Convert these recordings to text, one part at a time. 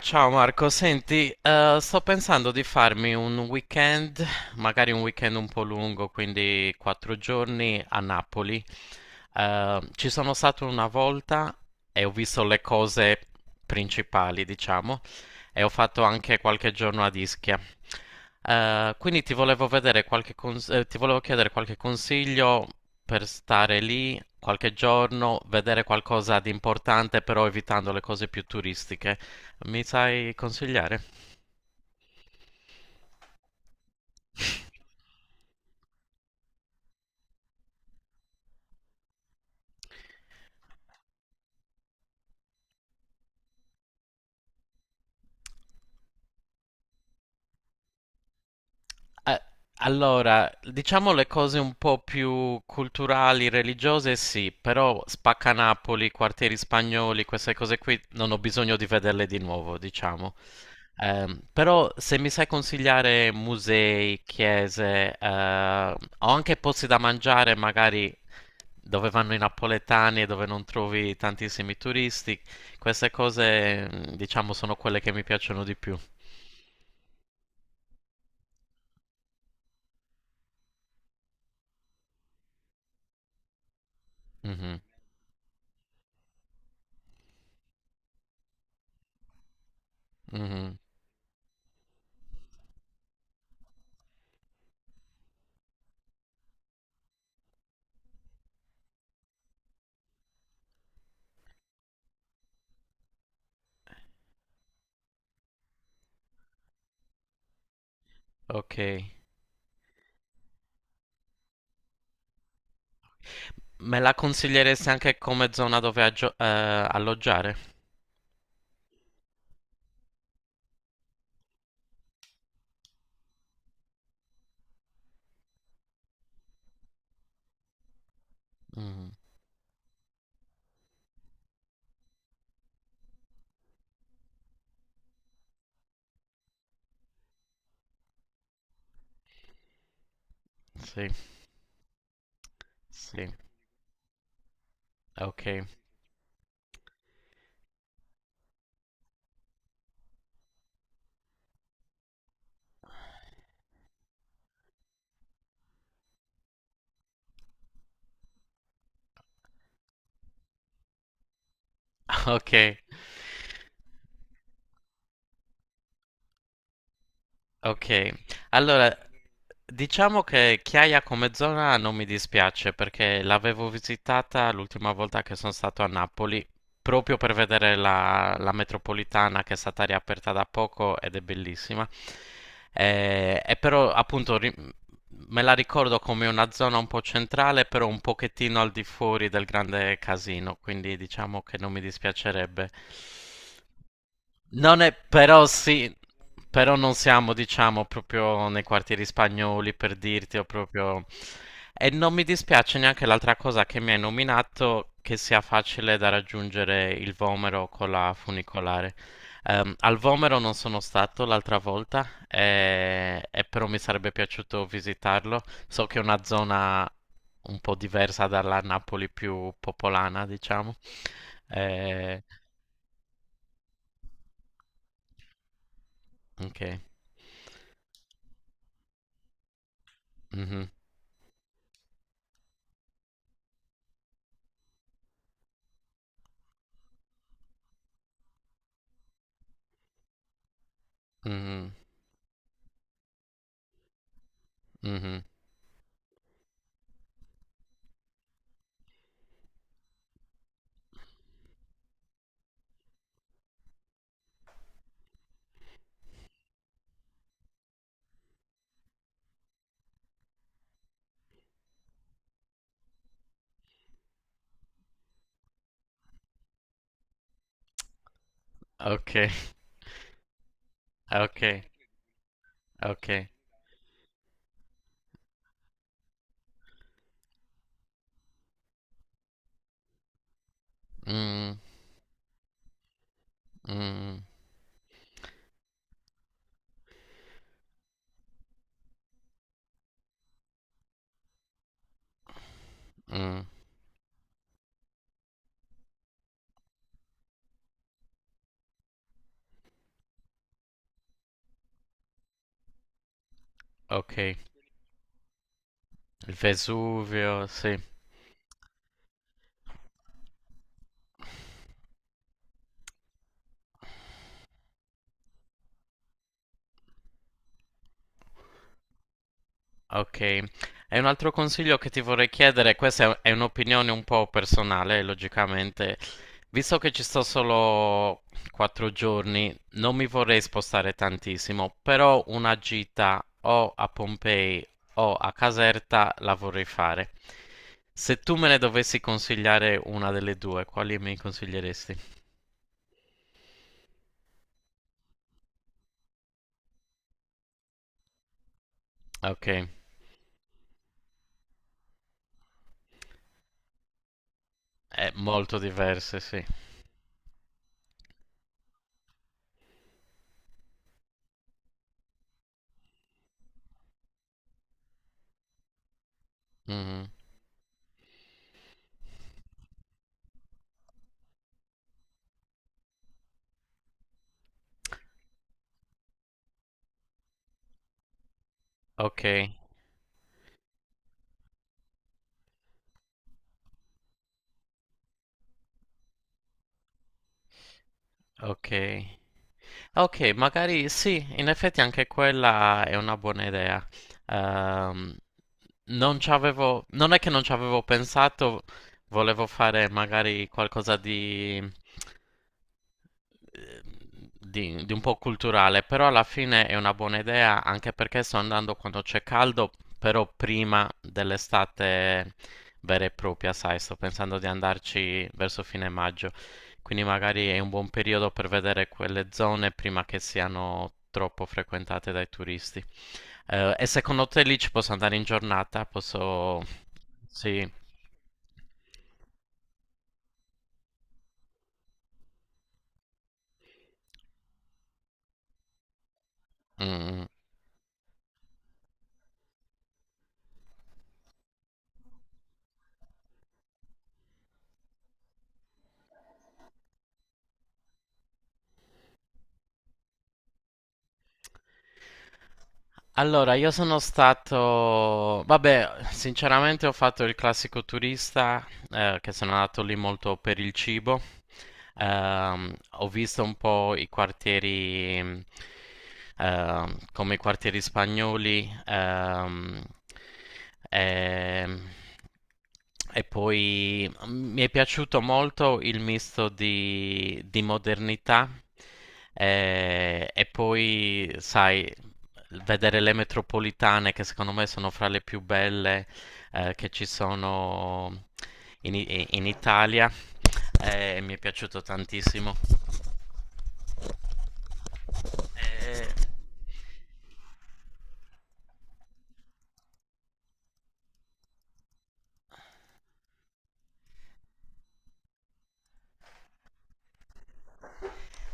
Ciao Marco, senti, sto pensando di farmi un weekend, magari un weekend un po' lungo, quindi 4 giorni a Napoli. Ci sono stato una volta e ho visto le cose principali, diciamo, e ho fatto anche qualche giorno a Ischia. Quindi ti volevo vedere ti volevo chiedere qualche consiglio per stare lì qualche giorno, vedere qualcosa di importante, però evitando le cose più turistiche. Mi sai consigliare? Eh, Allora, diciamo le cose un po' più culturali, religiose, sì, però Spaccanapoli, quartieri spagnoli, queste cose qui non ho bisogno di vederle di nuovo, diciamo. Però se mi sai consigliare musei, chiese, o anche posti da mangiare, magari dove vanno i napoletani e dove non trovi tantissimi turisti, queste cose, diciamo, sono quelle che mi piacciono di più. Mhm, mhm, ok. Me la consiglieresti anche come zona dove alloggiare? Mm, sì, sì, ok, ok. Ok, allora diciamo che Chiaia come zona non mi dispiace perché l'avevo visitata l'ultima volta che sono stato a Napoli proprio per vedere la metropolitana che è stata riaperta da poco ed è bellissima. Però appunto me la ricordo come una zona un po' centrale, però un pochettino al di fuori del grande casino, quindi diciamo che non mi dispiacerebbe. Non è, però sì, però non siamo, diciamo, proprio nei quartieri spagnoli per dirti, o proprio... E non mi dispiace neanche l'altra cosa che mi hai nominato, che sia facile da raggiungere il Vomero con la funicolare. Al Vomero non sono stato l'altra volta, e però mi sarebbe piaciuto visitarlo. So che è una zona un po' diversa dalla Napoli più popolana, diciamo. Eh, ok. Mhm. Mh-mh, mh-mh. Okay, okay, okay. Mh, mh, mh, okay. Il Vesuvio, sì. Ok, e un altro consiglio che ti vorrei chiedere, questa è è un'opinione un po' personale, logicamente, visto che ci sto solo 4 giorni, non mi vorrei spostare tantissimo, però una gita o a Pompei o a Caserta la vorrei fare. Se tu me ne dovessi consigliare una delle due, quali mi consiglieresti? Ok, è molto diverse, sì. Mhm. Ok, ok. Ok, magari sì, in effetti anche quella è una buona idea. Ehm, Non è che non ci avevo pensato, volevo fare magari qualcosa di un po' culturale, però alla fine è una buona idea anche perché sto andando quando c'è caldo, però prima dell'estate vera e propria, sai, sto pensando di andarci verso fine maggio, quindi magari è un buon periodo per vedere quelle zone prima che siano troppo frequentate dai turisti. E secondo te lì ci posso andare in giornata? Posso... Sì. Mm, Allora, io sono stato... Vabbè, sinceramente ho fatto il classico turista, che sono andato lì molto per il cibo. Ho visto un po' i quartieri, come i quartieri spagnoli, ehm, e poi mi è piaciuto molto il misto di modernità e poi, sai, vedere le metropolitane che secondo me sono fra le più belle che ci sono in Italia, mi è piaciuto tantissimo. Eh,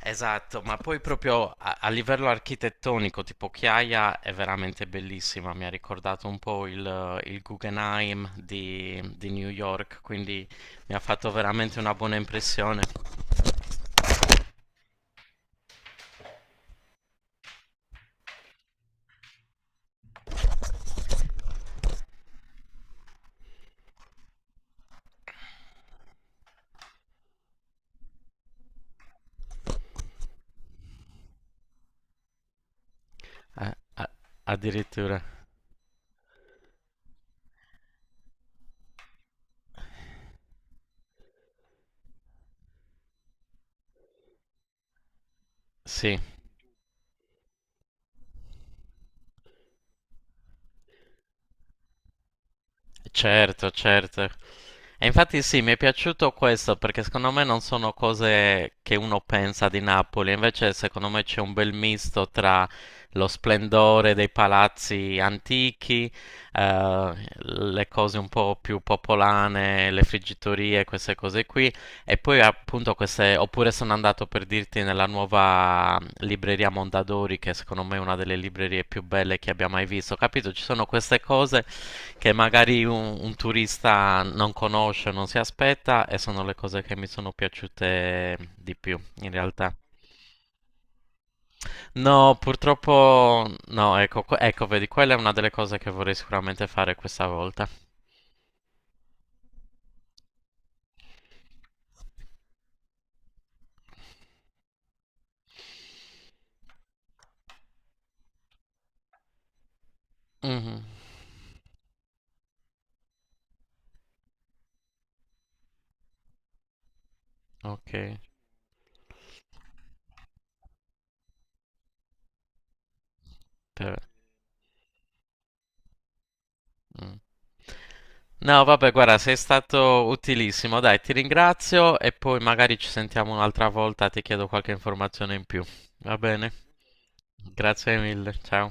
esatto, ma poi proprio a livello architettonico, tipo Chiaia è veramente bellissima, mi ha ricordato un po' il Guggenheim di New York, quindi mi ha fatto veramente una buona impressione. Eh, a- Addirittura, sì. Certo, certo. E infatti sì, mi è piaciuto questo perché secondo me non sono cose che uno pensa di Napoli, invece secondo me c'è un bel misto tra lo splendore dei palazzi antichi, le cose un po' più popolane, le friggitorie, queste cose qui, e poi appunto queste, oppure sono andato per dirti nella nuova libreria Mondadori, che secondo me è una delle librerie più belle che abbia mai visto. Capito? Ci sono queste cose che magari un turista non conosce, non si aspetta, e sono le cose che mi sono piaciute di più, in realtà. No, purtroppo no, ecco, ecco, vedi, quella è una delle cose che vorrei sicuramente fare questa volta. Mhm, ok. te- mm. No, vabbè, guarda, sei stato utilissimo. Dai, ti ringrazio e poi magari ci sentiamo un'altra volta, ti chiedo qualche informazione in più. Va bene? Grazie mille, ciao.